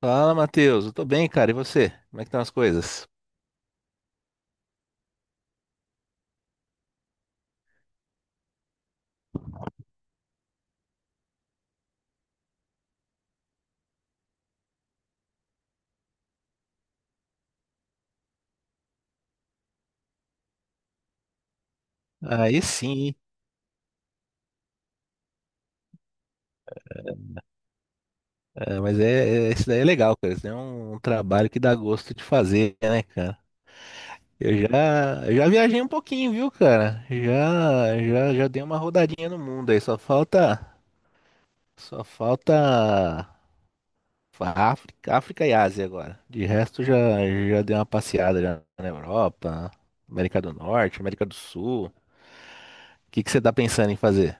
Fala, Matheus. Eu tô bem, cara. E você? Como é que estão as coisas? Aí sim, hein? É, mas esse daí é legal, cara. Esse daí é um trabalho que dá gosto de fazer, né, cara? Eu já viajei um pouquinho, viu, cara? Já dei uma rodadinha no mundo aí. Só falta África e Ásia agora. De resto, já dei uma passeada já na Europa, América do Norte, América do Sul. O que que você tá pensando em fazer?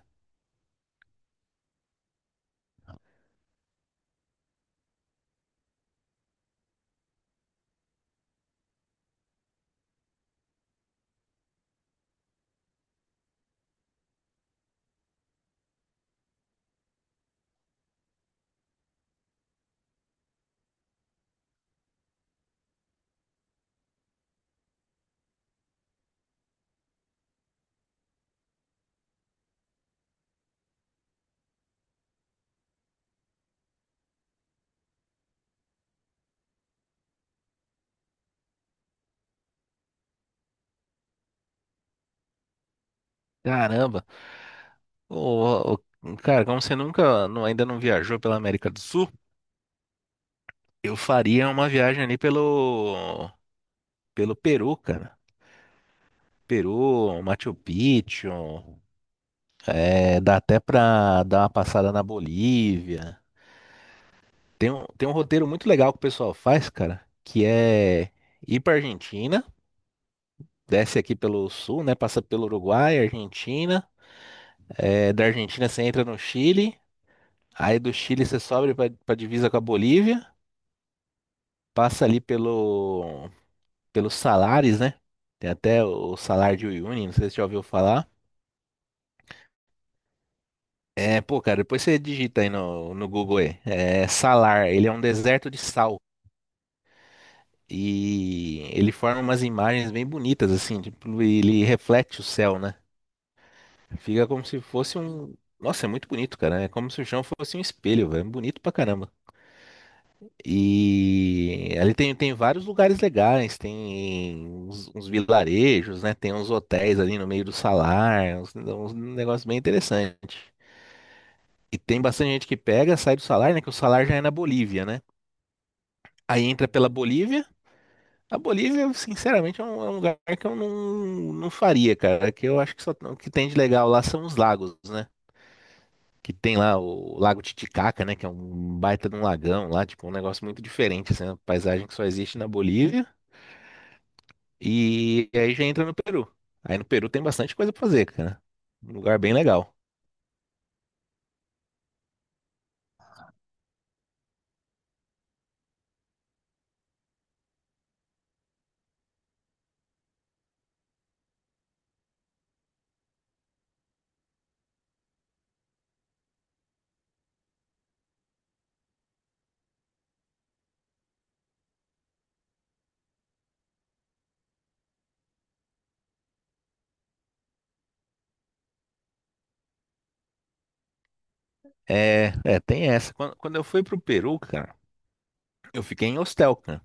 Caramba! Ô, cara, como você nunca, não- ainda não viajou pela América do Sul, eu faria uma viagem ali pelo Peru, cara. Peru, Machu Picchu, dá até pra dar uma passada na Bolívia. Tem um roteiro muito legal que o pessoal faz, cara, que é ir pra Argentina, desce aqui pelo sul, né? Passa pelo Uruguai, Argentina. Da Argentina você entra no Chile, aí do Chile você sobe pra divisa com a Bolívia, passa ali pelos salários, né? Tem até o salário de Uyuni, não sei se você já ouviu falar. É, pô, cara, depois você digita aí no Google aí. É, Salar, ele é um deserto de sal. E ele forma umas imagens bem bonitas, assim, tipo, ele reflete o céu, né? Fica como se fosse um. Nossa, é muito bonito, cara. É como se o chão fosse um espelho, velho. É bonito pra caramba. E ali tem vários lugares legais, tem uns vilarejos, né? Tem uns hotéis ali no meio do salar, uns negócios bem interessantes. E tem bastante gente que pega, sai do salar, né? Que o salar já é na Bolívia, né? Aí entra pela Bolívia. A Bolívia, sinceramente, é um lugar que eu não faria, cara. Que eu acho que só o que tem de legal lá são os lagos, né? Que tem lá o Lago Titicaca, né? Que é um baita de um lagão lá, tipo, um negócio muito diferente, assim, uma paisagem que só existe na Bolívia. E aí já entra no Peru. Aí no Peru tem bastante coisa pra fazer, cara. Um lugar bem legal. Tem essa. Quando eu fui pro Peru, cara, eu fiquei em hostel, cara.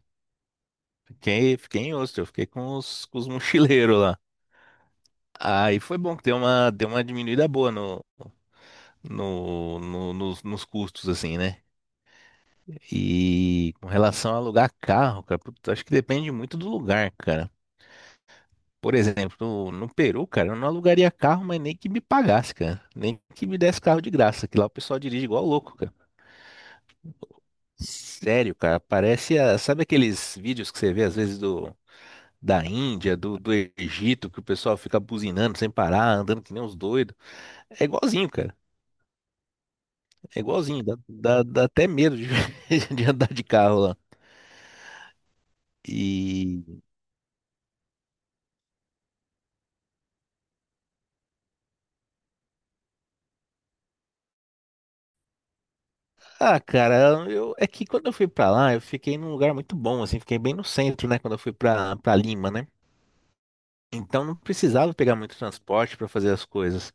Fiquei em hostel, fiquei com os mochileiros lá. Aí foi bom que deu uma diminuída boa nos custos, assim, né? E com relação a alugar carro, cara, putz, acho que depende muito do lugar, cara. Por exemplo, no Peru, cara, eu não alugaria carro, mas nem que me pagasse, cara. Nem que me desse carro de graça, que lá o pessoal dirige igual louco, cara. Sério, cara, sabe aqueles vídeos que você vê às vezes do da Índia, do Egito, que o pessoal fica buzinando sem parar, andando que nem uns doidos. É igualzinho, cara. É igualzinho, dá até medo de andar de carro lá. E cara, eu é que quando eu fui pra lá, eu fiquei num lugar muito bom, assim, fiquei bem no centro, né, quando eu fui pra para Lima, né? Então não precisava pegar muito transporte para fazer as coisas.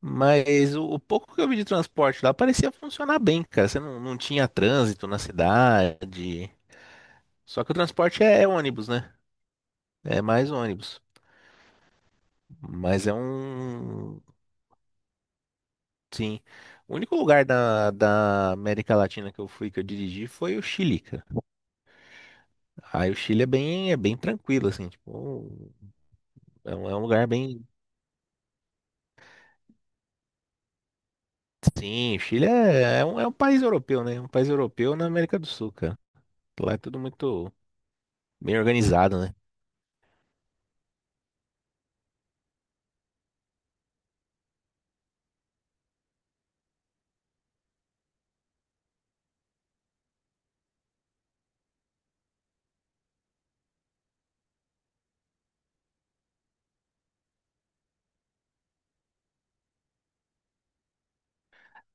Mas o pouco que eu vi de transporte lá parecia funcionar bem, cara. Você não tinha trânsito na cidade. Só que o transporte é ônibus, né? É mais ônibus. Mas é um. Sim. O único lugar da América Latina que eu fui, que eu dirigi, foi o Chile, cara. Aí o Chile é bem tranquilo, assim, tipo. É um lugar bem. Sim, o Chile é um país europeu, né? É um país europeu na América do Sul, cara. Lá é tudo muito bem organizado, né?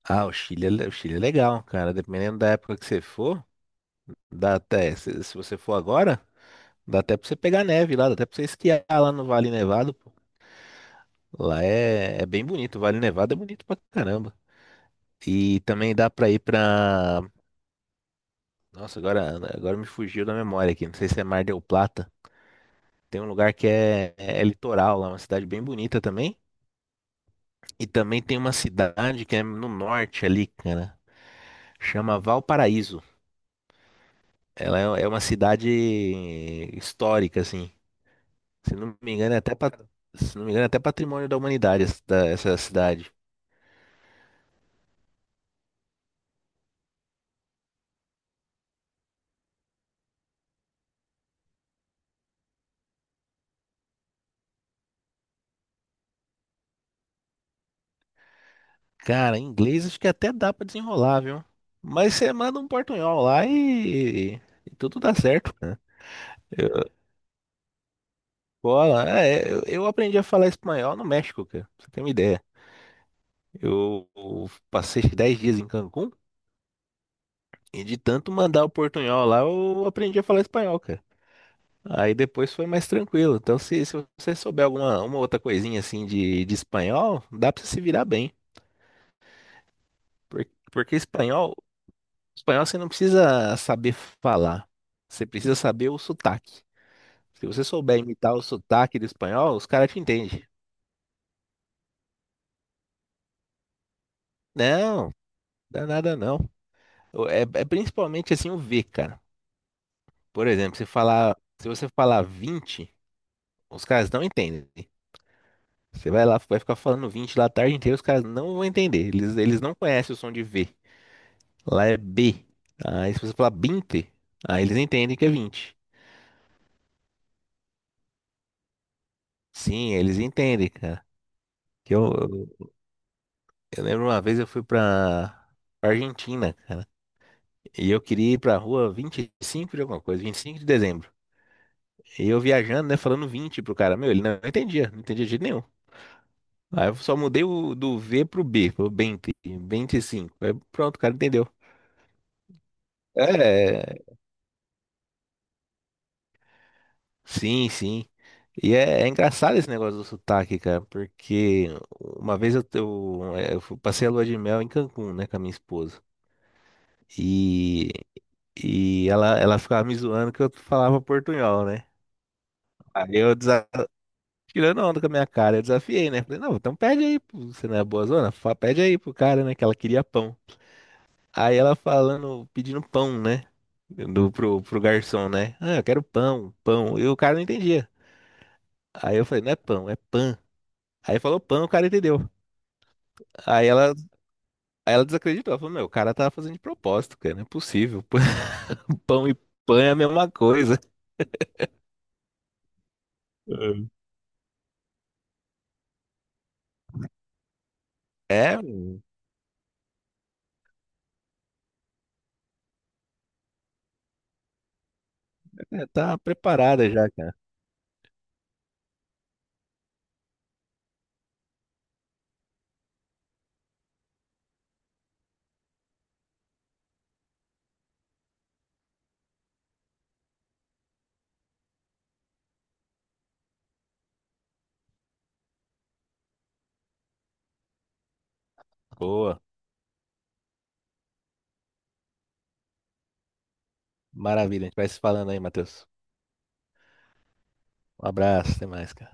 Ah, o Chile, o Chile é legal, cara. Dependendo da época que você for, dá até. Se você for agora, dá até pra você pegar neve lá, dá até pra você esquiar lá no Vale Nevado, pô. Lá é bem bonito. O Vale Nevado é bonito pra caramba. E também dá pra ir pra. Nossa, agora me fugiu da memória aqui. Não sei se é Mar del Plata. Tem um lugar que é litoral lá, uma cidade bem bonita também. E também tem uma cidade que é no norte ali, cara. Chama Valparaíso. Ela é uma cidade histórica, assim. Se não me engano, é até, patrimônio da humanidade essa cidade. Cara, em inglês acho que até dá pra desenrolar, viu? Mas você manda um portunhol lá e tudo dá certo, cara. Eu, bola, é, eu aprendi a falar espanhol no México, cara. Pra você ter uma ideia. Eu passei 10 dias em Cancún e de tanto mandar o portunhol lá, eu aprendi a falar espanhol, cara. Aí depois foi mais tranquilo. Então, se você souber alguma uma outra coisinha assim de espanhol, dá pra você se virar bem. Por- Porque espanhol você não precisa saber falar. Você precisa saber o sotaque. Se você souber imitar o sotaque do espanhol, os caras te entendem. Não, dá nada não. É principalmente assim o V, cara. Por exemplo, se você falar 20, os caras não entendem. Você vai lá, vai ficar falando 20 lá a tarde inteira, os caras não vão entender. Eles não conhecem o som de V. Lá é B. Aí se você falar 20, aí eles entendem que é 20. Sim, eles entendem, cara. Que eu lembro uma vez eu fui pra Argentina, cara. E eu queria ir pra rua 25 de alguma coisa, 25 de dezembro. E eu viajando, né, falando 20 pro cara. Meu, ele não entendia, não entendia de jeito nenhum. Aí eu só mudei do V pro B, pro 20, 25. Aí pronto, o cara entendeu. É, sim, sim. E é engraçado esse negócio do sotaque, cara, porque uma vez eu passei a lua de mel em Cancún, né, com a minha esposa. E, e ela ficava me zoando que eu falava portunhol, né? Aí tirando onda com a minha cara, eu desafiei, né? Falei, não, então pede aí, pô, você não é boa zona? Pede aí pro cara, né, que ela queria pão. Aí ela falando, pedindo pão, né? Pro garçom, né? Ah, eu quero pão, pão. E o cara não entendia. Aí eu falei, não é pão, é pan. Aí falou pano, o cara entendeu. Aí ela, aí ela desacreditou. Ela falou, meu, o cara tá fazendo de propósito, cara, não é possível. Pão, pão e pão é a mesma coisa. É. Meu, tá preparada já, cara. Boa, maravilha. A gente vai se falando aí, Matheus. Um abraço, até mais, cara.